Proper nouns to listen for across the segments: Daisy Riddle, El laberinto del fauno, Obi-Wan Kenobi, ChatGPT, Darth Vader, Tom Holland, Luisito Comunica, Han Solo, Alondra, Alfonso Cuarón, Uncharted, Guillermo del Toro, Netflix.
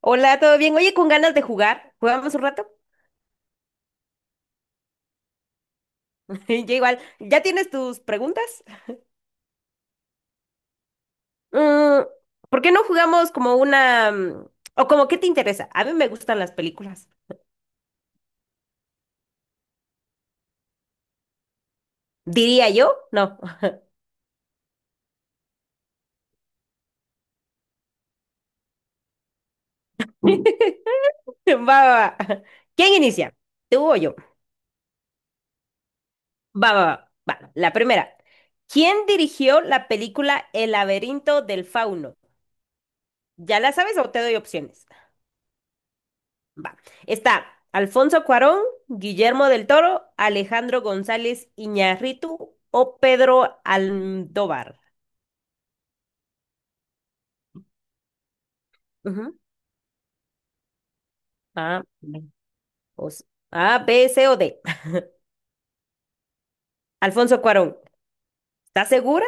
Hola, ¿todo bien? Oye, con ganas de jugar. ¿Jugamos un rato? Ya igual. ¿Ya tienes tus preguntas? Mm, ¿Por qué no jugamos como una... o como qué te interesa? A mí me gustan las películas. ¿Diría yo? No. Va, va, va. ¿Quién inicia? ¿Tú o yo? Va, va, va. Va, la primera. ¿Quién dirigió la película El laberinto del fauno? ¿Ya la sabes o te doy opciones? Va. Está Alfonso Cuarón, Guillermo del Toro, Alejandro González Iñárritu o Pedro Almodóvar. Ujú. A, B, o C- A, B, C o D. Alfonso Cuarón, ¿estás segura?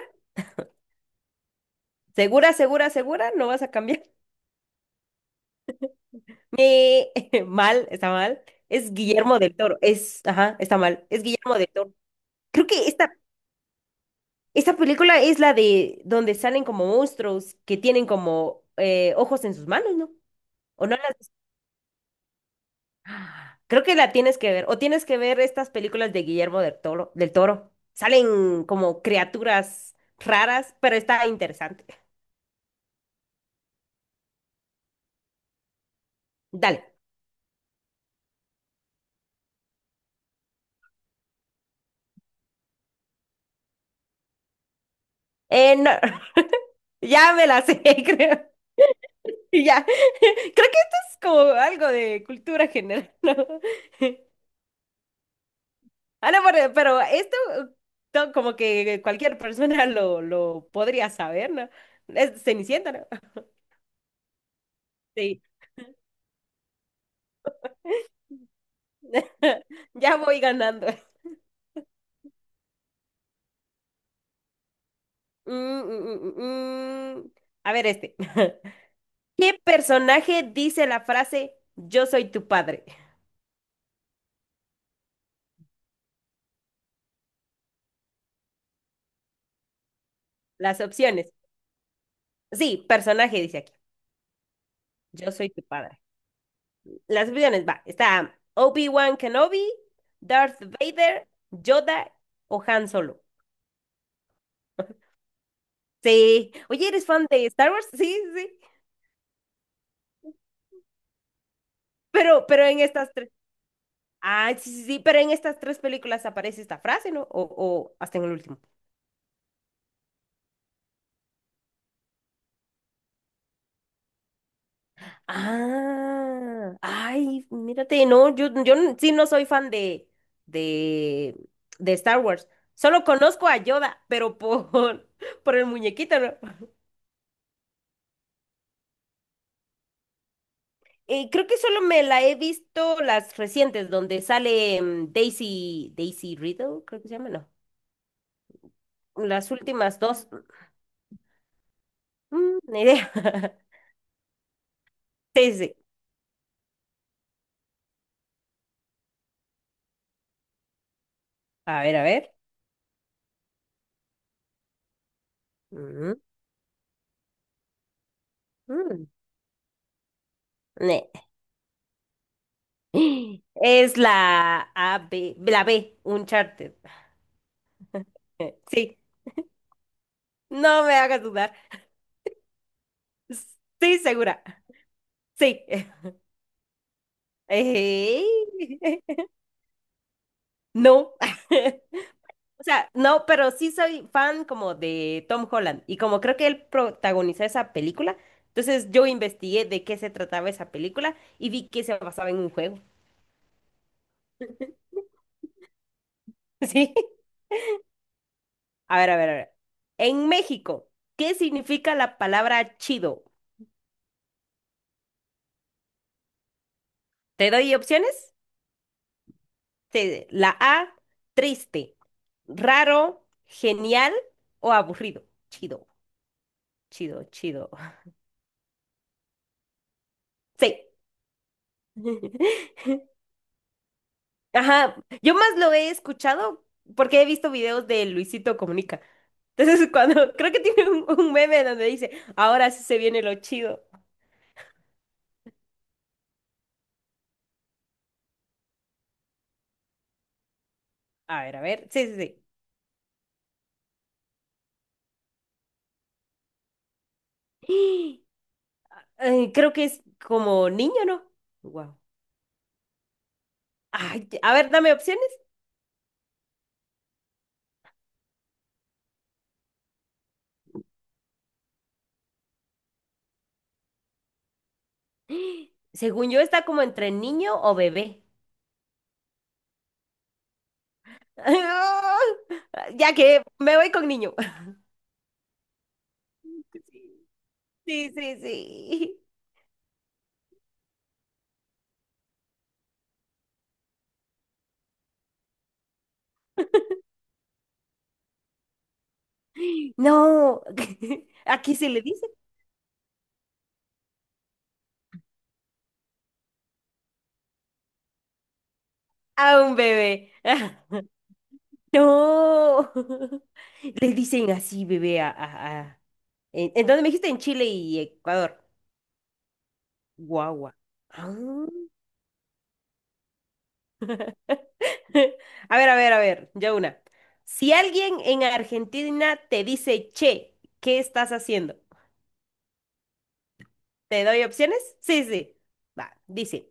¿Segura, segura, segura? ¿No vas a cambiar? Eh, mal, está mal. Es Guillermo del Toro. Es, ajá, está mal. Es Guillermo del Toro. Creo que esta película es la de donde salen como monstruos que tienen como ojos en sus manos, ¿no? ¿O no? las Creo que la tienes que ver. O tienes que ver estas películas de Guillermo del Toro, del Toro. Salen como criaturas raras, pero está interesante. Dale. No, ya me la sé, creo. Ya. Creo que esto es como algo de cultura general, ¿no? Ah, no, pero esto como que cualquier persona lo podría saber, ¿no? Es Cenicienta, ¿no? Sí. Ya voy ganando. Mm, mm, mm, mm, mm. A ver este. ¿Qué personaje dice la frase yo soy tu padre? Las opciones. Sí, personaje dice aquí. Yo soy tu padre. Las opciones, va. Está Obi-Wan Kenobi, Darth Vader, Yoda o Han Solo. Sí. Oye, ¿eres fan de Star Wars? Sí, sí. Pero en estas tres. Ah, sí, sí, sí. Pero en estas tres películas aparece esta frase, ¿no? O hasta en el último. Ah, ay, mírate, no, yo, sí no soy fan de, de Star Wars. Solo conozco a Yoda, pero por, por el muñequito, ¿no? Creo que solo me la he visto las recientes, donde sale Daisy, Daisy Riddle, creo que se llama, ¿no? Las últimas dos, ni idea. Sí, sí. A ver, a ver. Mm, mm, ne. Es la A, la B, Uncharted. Sí. No me hagas dudar. Sí, segura. Sí. Ey. No. O sea, no, pero sí soy fan como de Tom Holland y como creo que él protagonizó esa película, entonces yo investigué de qué se trataba esa película y vi que se basaba en un juego. Sí. A ver, a ver, a ver. En México, ¿qué significa la palabra chido? ¿Te doy opciones? La A, triste, raro, genial o aburrido. Chido. Chido. Sí. Ajá. Yo más lo he escuchado porque he visto videos de Luisito Comunica. Entonces, cuando creo que tiene un meme donde dice, ahora sí se viene lo chido. A ver, a ver. Sí, sí, sí. Ay, creo que es como niño, ¿no? Wow. Ay, a ver, dame opciones. Según yo, está como entre niño o bebé. Ya que me voy con niño. Sí, sí, sí. No, aquí se le dice a un bebé. No, le dicen así bebé a- en dónde me dijiste? En Chile y Ecuador. Guagua. Ah. A ver, a ver, a ver, ya una. Si alguien en Argentina te dice, che, ¿qué estás haciendo? ¿Te doy opciones? Sí, sí. Va, dice,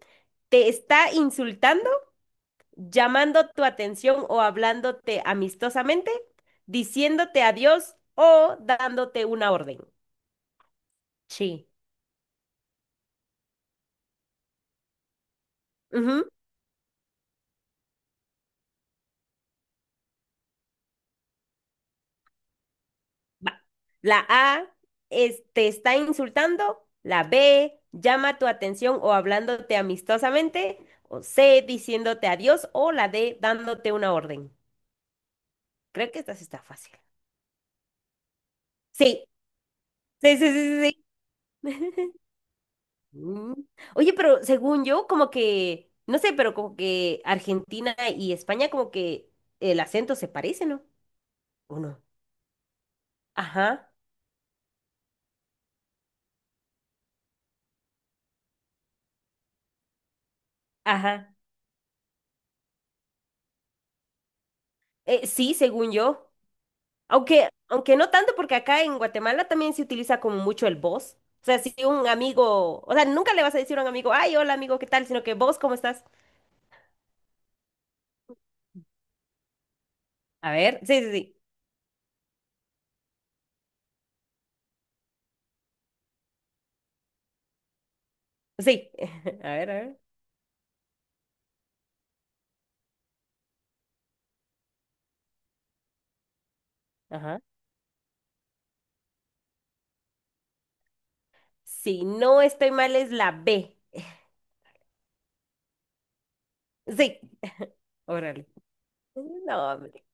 te está insultando. Llamando tu atención o hablándote amistosamente, diciéndote adiós o dándote una orden. Sí. Ujú, va. La A es, te está insultando. La B llama tu atención o hablándote amistosamente. O C diciéndote adiós. O la D dándote una orden. Creo que esta sí está fácil. Sí, sí, sí, sí, sí. Mm. Oye, pero según yo, como que, no sé, pero como que Argentina y España como que el acento se parece, ¿no? ¿O no? Ajá, ajá. Sí, según yo. Aunque, aunque no tanto, porque acá en Guatemala también se utiliza como mucho el vos. O sea, si un amigo, o sea, nunca le vas a decir a un amigo, ay, hola amigo, ¿qué tal? Sino que vos, ¿cómo estás? A ver, sí, sí, sí. Sí. A ver, a ver. Ajá. Si no estoy mal, es la B. Sí. Órale. No, hombre.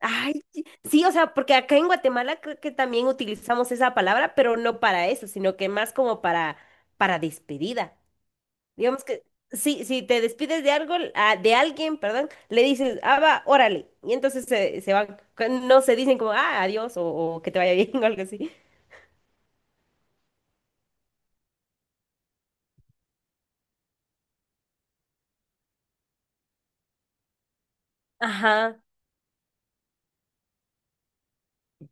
Ay, sí, o sea, porque acá en Guatemala creo que también utilizamos esa palabra, pero no para eso, sino que más como para despedida. Digamos que sí, si te despides de algo, ah, de alguien, perdón, le dices, ah, va, órale. Y entonces se van, no se dicen como, ah, adiós, o que te vaya bien, o algo así. Ajá,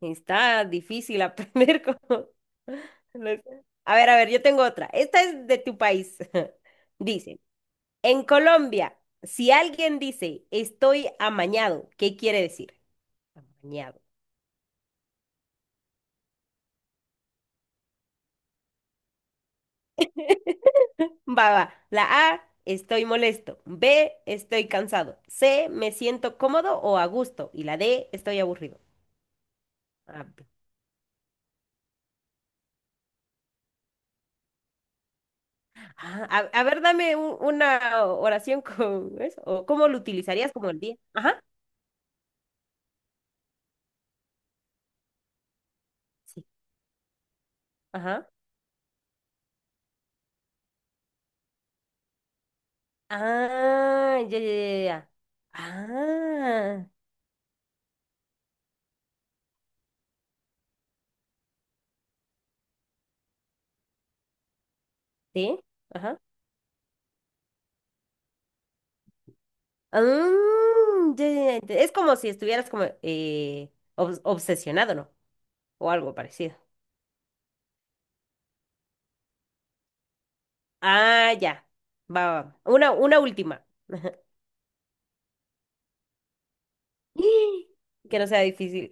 está difícil aprender como... no sé. A ver, yo tengo otra. Esta es de tu país. Dice. En Colombia, si alguien dice estoy amañado, ¿qué quiere decir? Amañado. Va, va. La A, estoy molesto. B, estoy cansado. C, me siento cómodo o a gusto. Y la D, estoy aburrido. Ah, ah, A, a ver, dame una oración con eso. ¿O cómo lo utilizarías como el día? Ajá. Sí. Ajá. Ah, ya, ya, ya. Ya. Ah, sí. Ajá. Ya, ya, ya, es como si estuvieras como obsesionado, ¿no? O algo parecido. Ah, ya. Va, va, va. Una última. Que no sea difícil.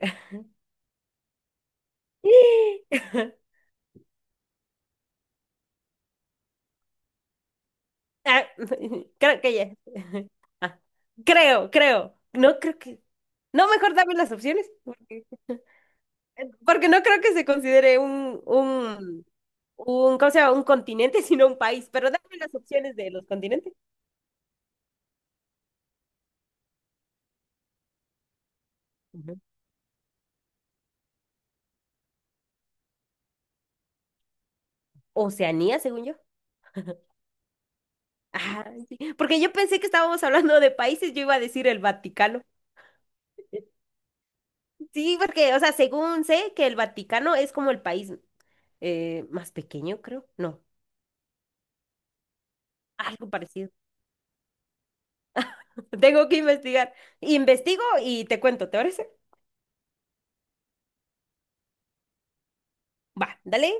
Ah, creo que ya. Ah, creo, creo. No creo que. No, mejor dame las opciones. Porque, porque no creo que se considere un, ¿cómo se llama? Un continente, sino un país. Pero dame las opciones de los continentes. Ujú. Oceanía, según yo. Ah, sí, porque yo pensé que estábamos hablando de países, yo iba a decir el Vaticano. Sí, porque, o sea, según sé que el Vaticano es como el país más pequeño, creo. No, algo parecido. Tengo que investigar. Investigo y te cuento, ¿te parece? Va, dale.